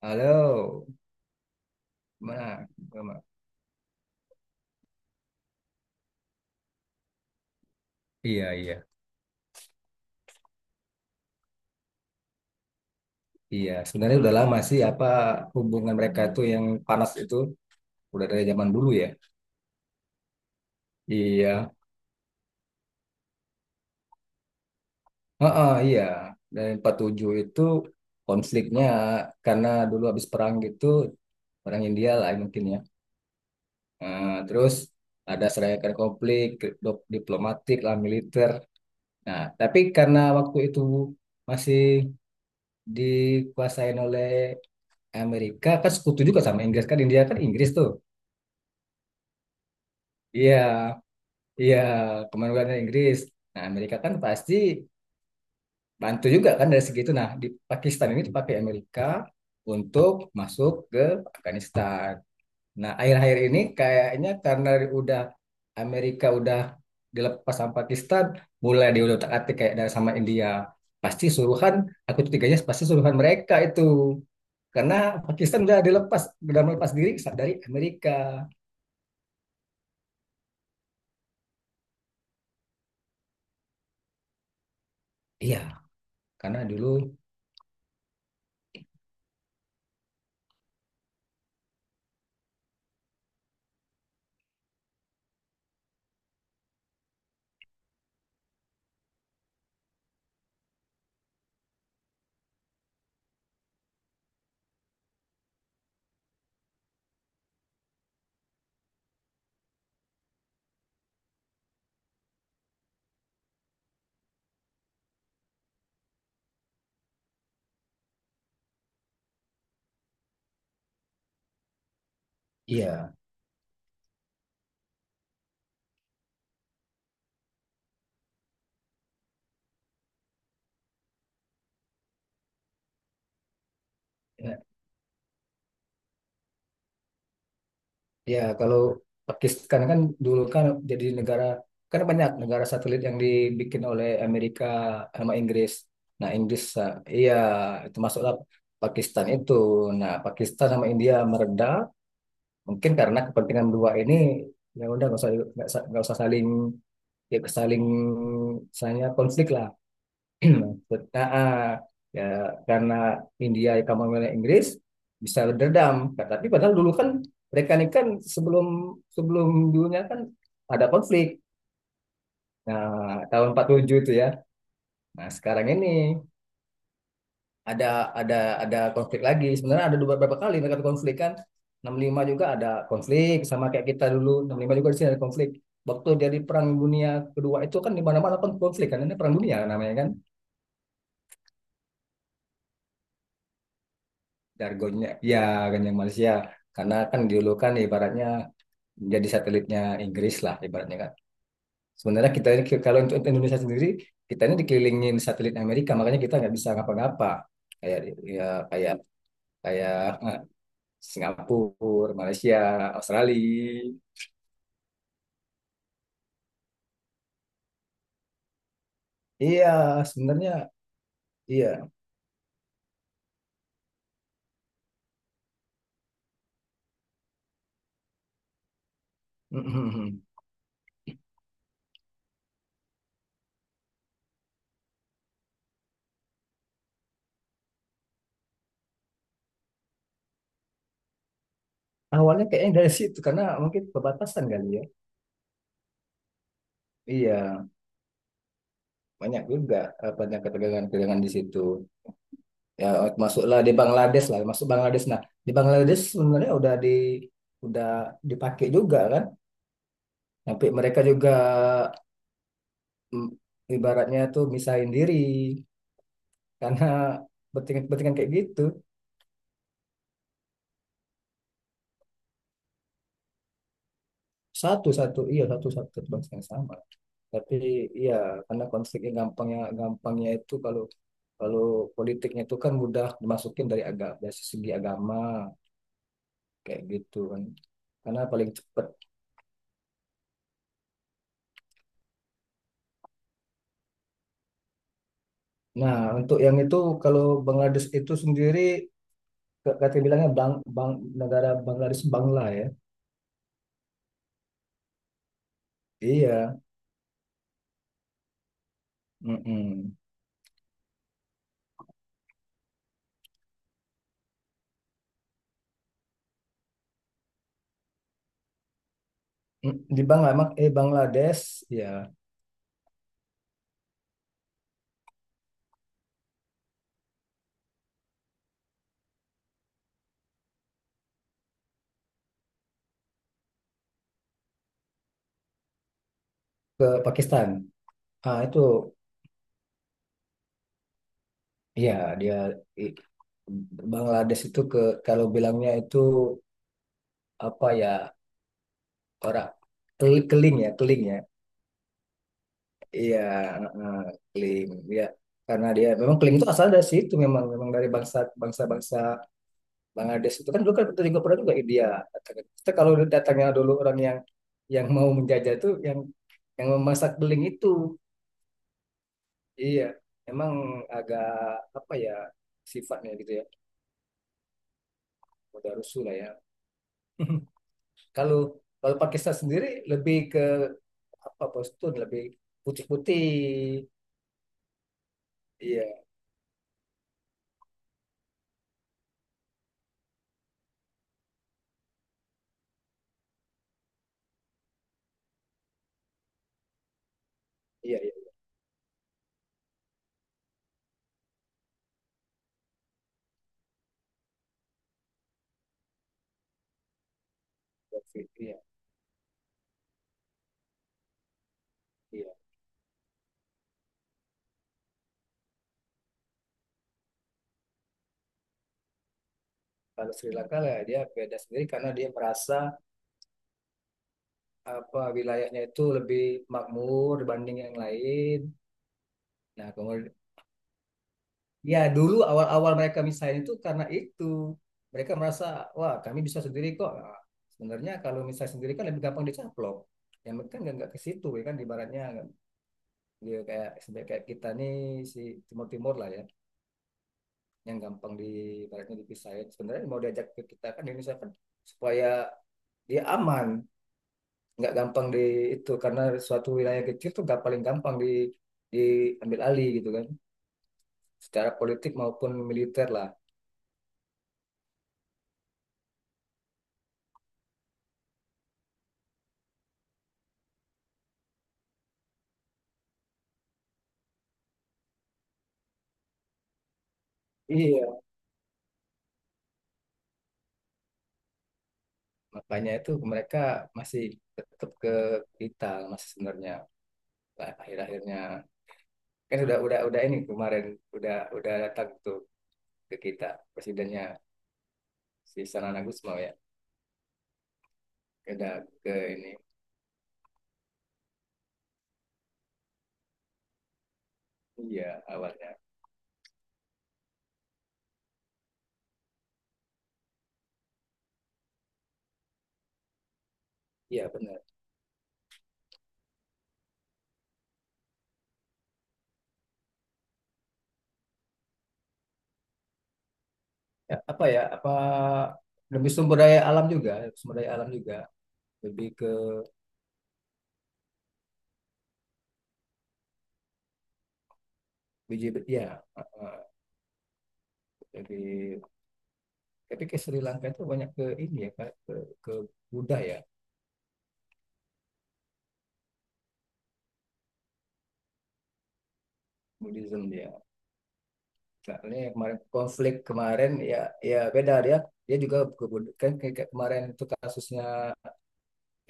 Halo, mana? Gama? Iya, iya. Iya, sebenarnya udah lama sih apa hubungan mereka tuh yang panas itu udah dari zaman dulu ya. Iya. Heeh, iya. Dan 47 itu konfliknya karena dulu habis perang gitu, perang India lah mungkin ya. Terus ada serangkaian konflik diplomatik lah militer. Nah, tapi karena waktu itu masih dikuasain oleh Amerika, kan sekutu juga sama Inggris, kan India kan Inggris tuh. Iya, iya, Kemanusiaan Inggris. Nah, Amerika kan pasti bantu juga kan dari segitu. Nah, di Pakistan ini dipakai Amerika untuk masuk ke Afghanistan. Nah, akhir-akhir ini kayaknya karena udah Amerika udah dilepas sama Pakistan, mulai dia udah otak-atik kayak dari sama India. Pasti suruhan, aku tuh tiganya pasti suruhan mereka itu. Karena Pakistan udah dilepas, udah melepas diri dari Amerika. Iya, karena dulu iya. Ya, kalau Pakistan kan dulu kan jadi negara, kan banyak negara satelit yang dibikin oleh Amerika sama Inggris. Nah, iya, itu masuklah Pakistan itu. Nah, Pakistan sama India mereda, mungkin karena kepentingan dua ini, ya udah nggak usah nggak usah saling ya saling misalnya konflik lah. Maksud- ah, ah. Ya, karena India kamu milih Inggris bisa berdendam. Nah, tapi padahal dulu kan mereka ini kan sebelum sebelum dulunya kan ada konflik. Nah, tahun 47 itu ya. Nah, sekarang ini ada ada ada konflik lagi. Sebenarnya ada beberapa kali mereka konflik kan. 65 juga ada konflik sama kayak kita dulu. 65 juga di sini ada konflik. Waktu dari Perang Dunia Kedua itu kan di mana-mana kan konflik kan. Ini Perang Dunia namanya kan. Jargonnya ya ganyang Malaysia, karena kan dulu kan ibaratnya jadi satelitnya Inggris lah ibaratnya kan. Sebenarnya kita ini kalau untuk Indonesia sendiri, kita ini dikelilingin satelit Amerika, makanya kita nggak bisa ngapa-ngapa, kayak ya kayak kayak eh, Singapura, Malaysia, Australia. Iya, sebenarnya iya. Awalnya kayaknya dari situ, karena mungkin perbatasan kali ya. Iya, banyak juga. Banyak ketegangan-ketegangan di situ ya. Masuklah di Bangladesh lah, masuk Bangladesh. Nah, di Bangladesh sebenarnya udah di udah dipakai juga kan, tapi mereka juga mm, ibaratnya tuh misahin diri karena bertingan-bertingan kayak gitu. Satu satu iya, satu satu bangsa yang sama tapi iya, karena konfliknya gampangnya, gampangnya itu kalau kalau politiknya itu kan mudah dimasukin dari agama, dari segi agama, kayak gitu kan. Karena paling nah, untuk yang itu kalau Bangladesh itu sendiri, kata bilangnya bang, bang, negara Bangladesh Bangla ya. Iya. Mm-mm. Mm, di Bangladesh ya ke Pakistan. Ah itu ya dia i- Bangladesh itu ke kalau bilangnya itu apa ya, orang keling ya, keling ya. Iya, eh, keling ya. Karena dia memang keling itu asal dari situ, memang memang dari bangsa bangsa-bangsa Bangladesh itu kan dulu kan kita juga pernah juga India. Kita kalau datangnya dulu orang yang mau menjajah itu yang memasak beling itu iya, emang agak apa ya sifatnya gitu ya, udah rusuh lah ya. kalau kalau Pakistan sendiri lebih ke apa postur lebih putih-putih. Iya iya iya iya iya iya. Kalau Sri Lanka lah dia beda sendiri karena dia merasa apa wilayahnya itu lebih makmur dibanding yang lain. Nah kemudian ya, dulu awal-awal mereka misalnya itu karena itu. Mereka merasa, wah kami bisa sendiri kok. Nah, sebenarnya kalau misalnya sendiri kan lebih gampang dicaplok. Ya mereka kan nggak ke situ ya kan ibaratnya dia kayak sebenarnya kayak kita nih si timur-timur lah ya, yang gampang di ibaratnya dipisahin. Sebenarnya mau diajak ke kita kan di Indonesia kan supaya dia aman, nggak gampang di itu karena suatu wilayah kecil tuh nggak paling gampang di diambil alih gitu kan. Secara politik maupun militer lah. Iya, makanya itu mereka masih tetap ke kita masih sebenarnya. Nah, akhir-akhirnya kan udah udah ini kemarin udah datang tuh ke kita presidennya si Sanana Gusmao ya udah ke ini iya awalnya iya benar. Ya, apa ya apa lebih sumber daya alam juga, sumber daya alam juga, lebih ke biji ya. eh, eh, Lebih tapi ke Sri Lanka itu banyak ke ini ya Kak, ke Buddha ya, Buddhism dia. Ini kemarin konflik kemarin ya, ya beda dia, dia juga kan kayak kayak kemarin itu kasusnya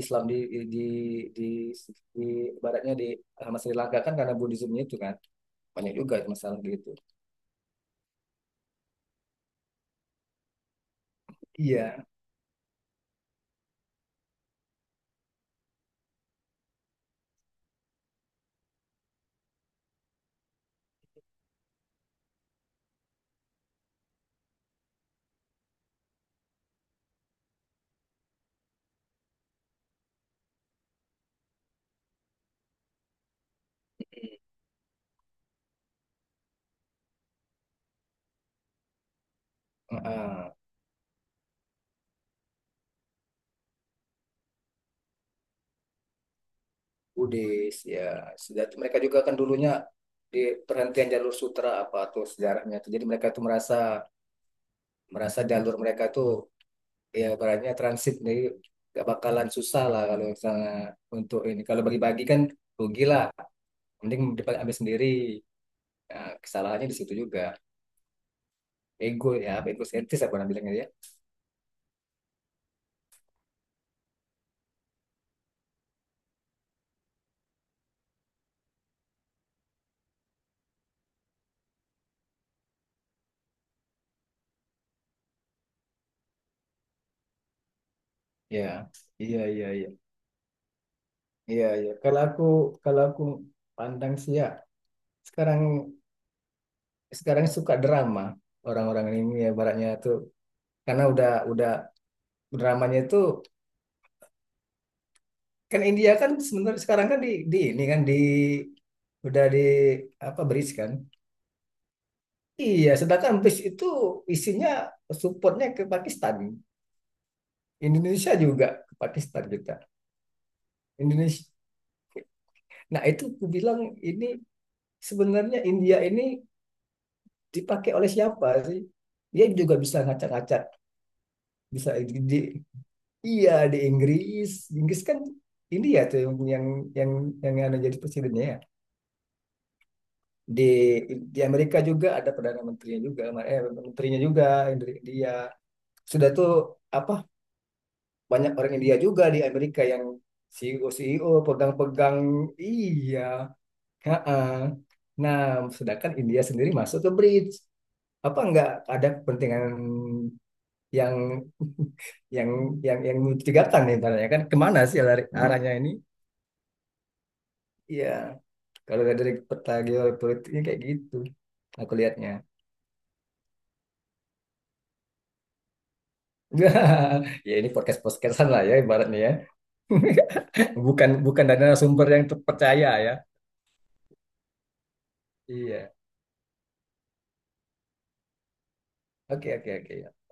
Islam di, di baratnya di Mas Sri Lanka kan karena Buddhismenya itu kan banyak juga masalah gitu. Iya, heeh. Buddhis ya, sudah itu mereka juga kan dulunya di perhentian jalur sutra apa tuh sejarahnya tuh. Jadi mereka tuh merasa, merasa jalur mereka tuh ya baratnya transit, jadi gak bakalan susah lah kalau misalnya untuk ini kalau bagi-bagi kan rugi lah, mending dipakai ambil sendiri. Nah, kesalahannya di situ juga, ego ya apa ego sentis apa orang bilangnya ya. Ya iya iya iya iya iya. Kalau aku pandang sih ya, sekarang sekarang suka drama orang-orang ini ya baratnya tuh, karena udah dramanya itu kan. India kan sebenarnya sekarang kan di ini kan di udah di apa bridge kan. Iya, sedangkan bis itu isinya supportnya ke Pakistan. Indonesia juga ke Pakistan kita. Indonesia. Nah, itu aku bilang ini sebenarnya India ini dipakai oleh siapa sih? Dia juga bisa ngacak-ngacak, bisa iya di Inggris. Inggris kan India tuh yang yang anu jadi presidennya ya. Di di Amerika juga ada perdana menterinya juga, eh, menterinya juga India. Sudah tuh apa banyak orang India juga di Amerika yang CEO, CEO pegang-pegang iya heeh. Nah sedangkan India sendiri masuk ke bridge apa nggak ada kepentingan yang yang yang mencurigakan nih ibaratnya kan kemana sih lari, arahnya ini iya. Kalau lihat dari peta geopolitiknya kayak gitu aku lihatnya ya ini podcast podcastan lah ya ibaratnya ya. bukan bukan dari sumber yang terpercaya ya. Iya, oke oke oke.